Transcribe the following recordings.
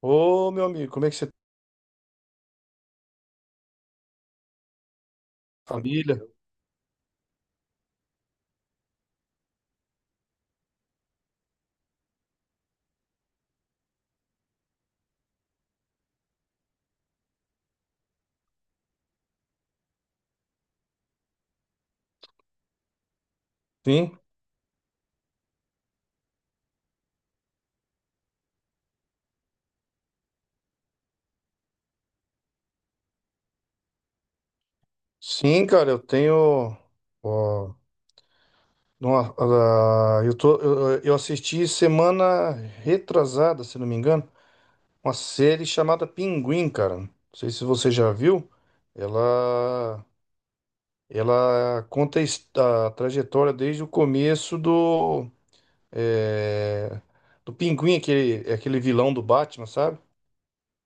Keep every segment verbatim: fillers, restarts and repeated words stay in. Ô, meu amigo, como é que você tá? Família? Sim, sim, cara, eu tenho. Ó, uma- a- eu tô, eu, eu assisti semana retrasada, se não me engano, uma série chamada Pinguim, cara. Não sei se você já viu. Ela, ela conta a his- a trajetória desde o começo do, é, do Pinguim, aquele, aquele vilão do Batman, sabe?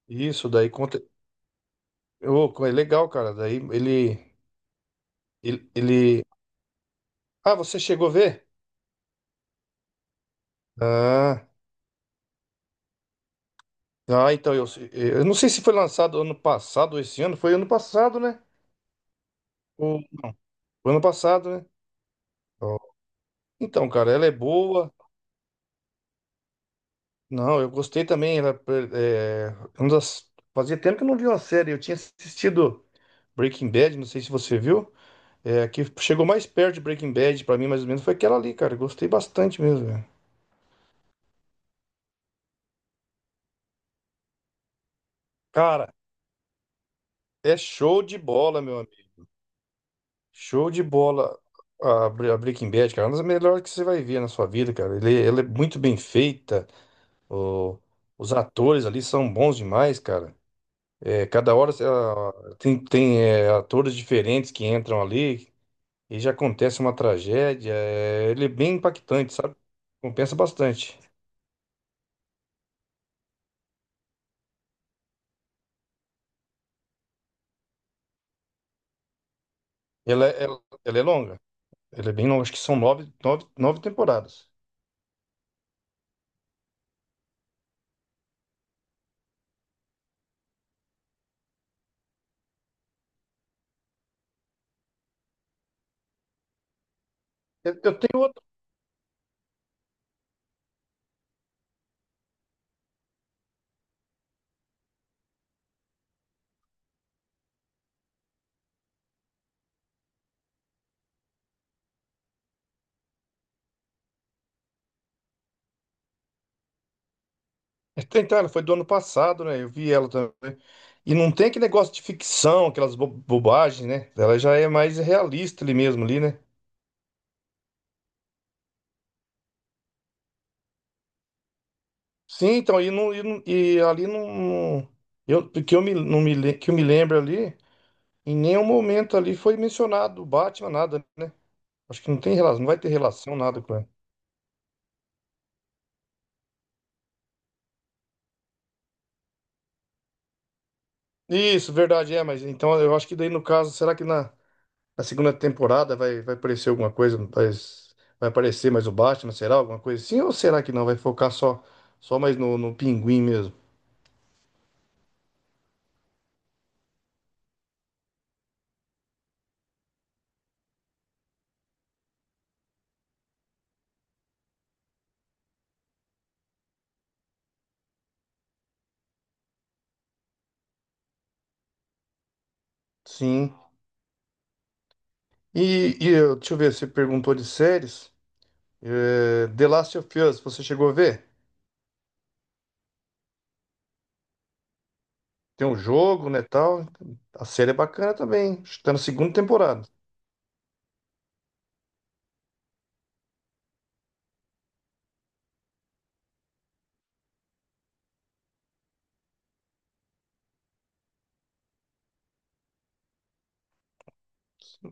Isso, daí conta. Ô, é legal, cara. Daí ele. Ele, ele ah, você chegou a ver? Ah, ah, então eu, eu não sei se foi lançado ano passado ou esse ano. Foi ano passado, né? O foi ano passado, né? Ó. Então, cara, ela é boa. Não, eu gostei também. Ela, é, é, uma das- fazia tempo que eu não vi uma série. Eu tinha assistido Breaking Bad, não sei se você viu. É, a que chegou mais perto de Breaking Bad pra mim, mais ou menos, foi aquela ali, cara. Eu gostei bastante mesmo, velho. Cara, é show de bola, meu amigo. Show de bola a, Bre- a Breaking Bad, cara. É uma das melhores que você vai ver na sua vida, cara. Ele, ela é muito bem feita. o- os atores ali são bons demais, cara. É, cada hora cê- ah, tem, tem é, atores diferentes que entram ali e já acontece uma tragédia. É, ele é bem impactante, sabe? Compensa bastante. Ela, é- ela, ela é longa. Ela é bem longa. Acho que são nove, nove, nove temporadas. Eu, eu tenho É, então, ela foi do ano passado, né? Eu vi ela também. E não tem aquele negócio de ficção, aquelas bo- bobagens, né? Ela já é mais realista ali mesmo, ali, né? Sim, então, e, não, e, não- e ali não. não- Eu, porque eu me, não me, le- que eu me lembro ali, em nenhum momento ali foi mencionado o Batman, nada, né? Acho que não tem relação, não vai ter relação nada com ela. Isso, verdade, é, mas então eu acho que daí no caso, será que na. Na segunda temporada vai, vai aparecer alguma coisa, vai, vai aparecer mais o Batman, será? Alguma coisa assim? Ou será que não? Vai focar só, só mais no, no Pinguim mesmo? Sim. E, e eu- deixa eu ver, você perguntou de séries. É, The Last of Us, você chegou a ver? Tem um jogo, né, tal. A série é bacana também, hein? Acho que tá na segunda temporada.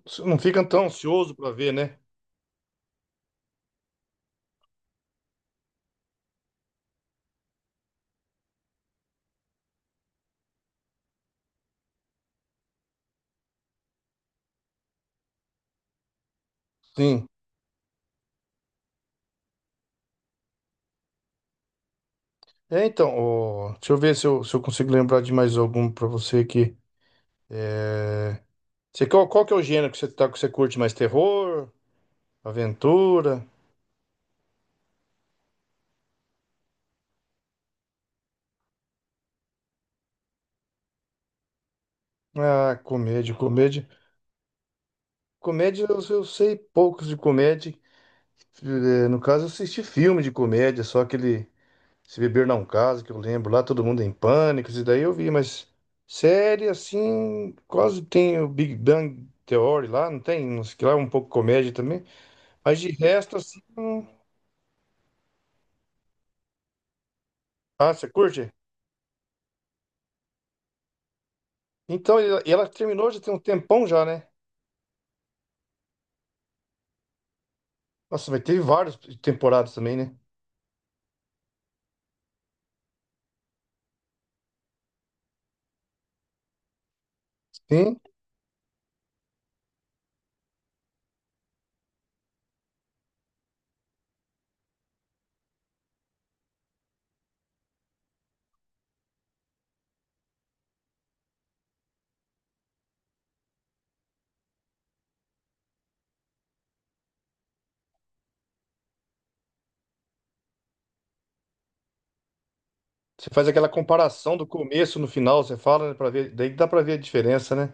Você não fica tão ansioso pra ver, né? Sim. É, então, ó, deixa eu ver se eu, se eu consigo lembrar de mais algum pra você aqui. É, você, qual, qual que é o gênero que você, tá, que você curte mais? Terror? Aventura? Ah, comédia, comédia. Comédia, eu, eu sei poucos de comédia. Eh, no caso, eu assisti filme de comédia, só aquele Se Beber Não Case, que eu lembro lá, Todo Mundo em Pânico, isso daí eu vi, mas série, assim, quase tem o Big Bang Theory lá, não tem? Não sei que lá, é um pouco comédia também. Mas de resto, assim, não... Ah, você curte? Então, e ela e ela terminou já tem um tempão já, né? Nossa, mas teve várias temporadas também, né? Sim, você faz aquela comparação do começo no final, você fala, né, para ver, daí dá pra ver a diferença, né?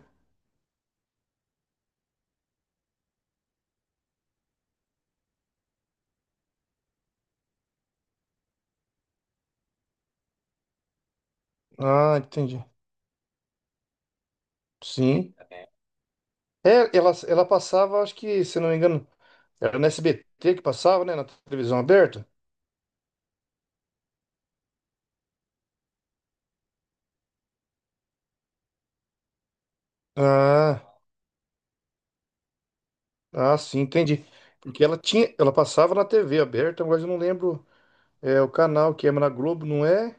Ah, entendi. Sim. É, ela, ela passava, acho que, se não me engano, era no S B T que passava, né, na televisão aberta? Ah, ah, sim, entendi. Porque ela tinha, ela passava na T V aberta, mas eu não lembro, é, o canal que é, mas na Globo não é,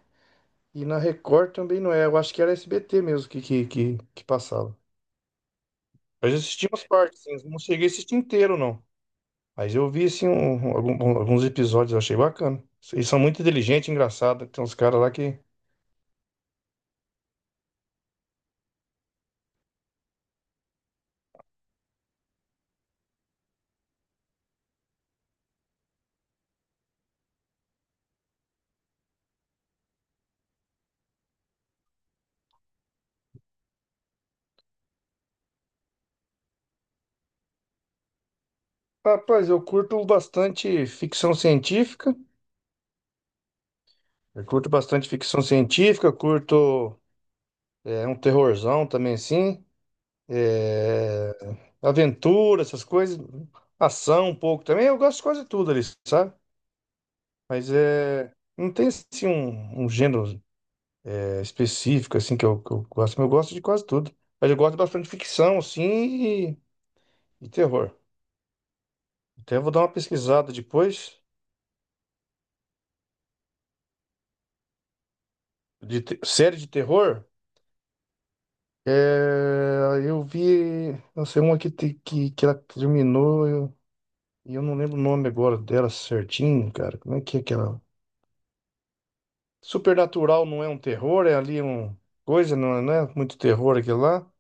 e na Record também não é. Eu acho que era S B T mesmo que que, que, que passava. Mas eu assisti umas partes, sim, não cheguei a assistir inteiro, não. Mas eu vi assim um- um, algum- um, alguns episódios, eu achei bacana. Eles são muito inteligentes, engraçados. Tem uns caras lá que. Rapaz, eu curto bastante ficção científica. Eu curto bastante ficção científica, eu curto é, um terrorzão também, assim. É, aventura, essas coisas. Ação um pouco também. Eu gosto de quase tudo ali, sabe? Mas é. Não tem assim um, um gênero é, específico assim que eu, que eu gosto, mas eu gosto de quase tudo. Mas eu gosto bastante de ficção, assim, e e terror. Até vou dar uma pesquisada depois. De te- série de terror? É, eu vi, não sei, uma que, te- que, que ela terminou eu- e eu, não lembro o nome agora dela certinho, cara. Como é que é aquela? Supernatural não é um terror, é ali um coisa, não é, não é muito terror aquilo lá.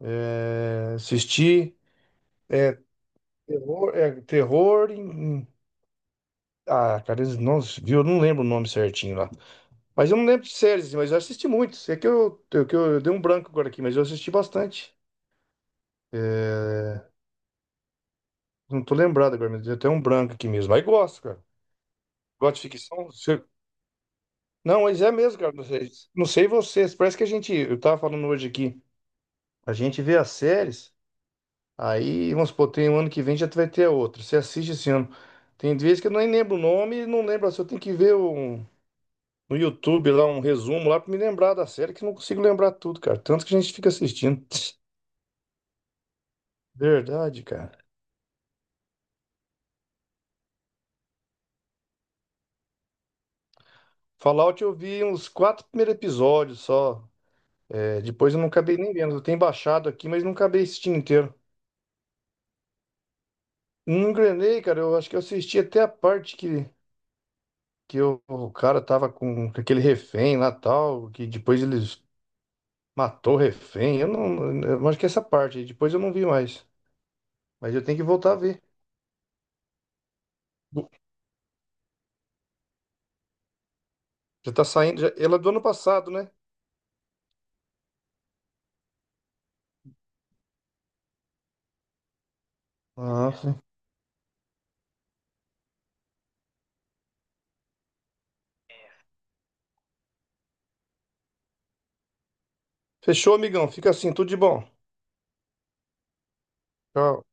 É, assisti. É terror, é terror em. em- Ah, cara, eles- nossa, viu? Eu não lembro o nome certinho lá. Mas eu não lembro de séries, mas eu assisti muitos. É que eu, eu, que eu, eu dei um branco agora aqui, mas eu assisti bastante. É, não tô lembrado agora, mas deu até um branco aqui mesmo. Mas gosto, cara. Gosto de ficção. Você- Não, mas é mesmo, cara. Não sei, não sei vocês. Parece que a gente. Eu tava falando hoje aqui. A gente vê as séries, aí, vamos supor, tem um ano que vem já vai ter a outra. Você assiste esse ano. Tem vezes que eu nem lembro o nome, não lembro assim. Eu tenho que ver um, no YouTube lá um resumo lá pra me lembrar da série, que eu não consigo lembrar tudo, cara. Tanto que a gente fica assistindo. Verdade, cara. Fallout eu vi uns quatro primeiros episódios só. É, depois eu não acabei nem vendo. Eu tenho baixado aqui, mas não acabei assistindo inteiro. Não engrenei, cara. Eu acho que eu assisti até a parte que, que o o cara tava com aquele refém lá tal, que depois eles matou o refém. Eu não, eu acho que é essa parte aí. Depois eu não vi mais. Mas eu tenho que voltar a ver. Já tá saindo. Já- ela é do ano passado, né? Ah, sim. Fechou, amigão. Fica assim, tudo de bom. Tchau.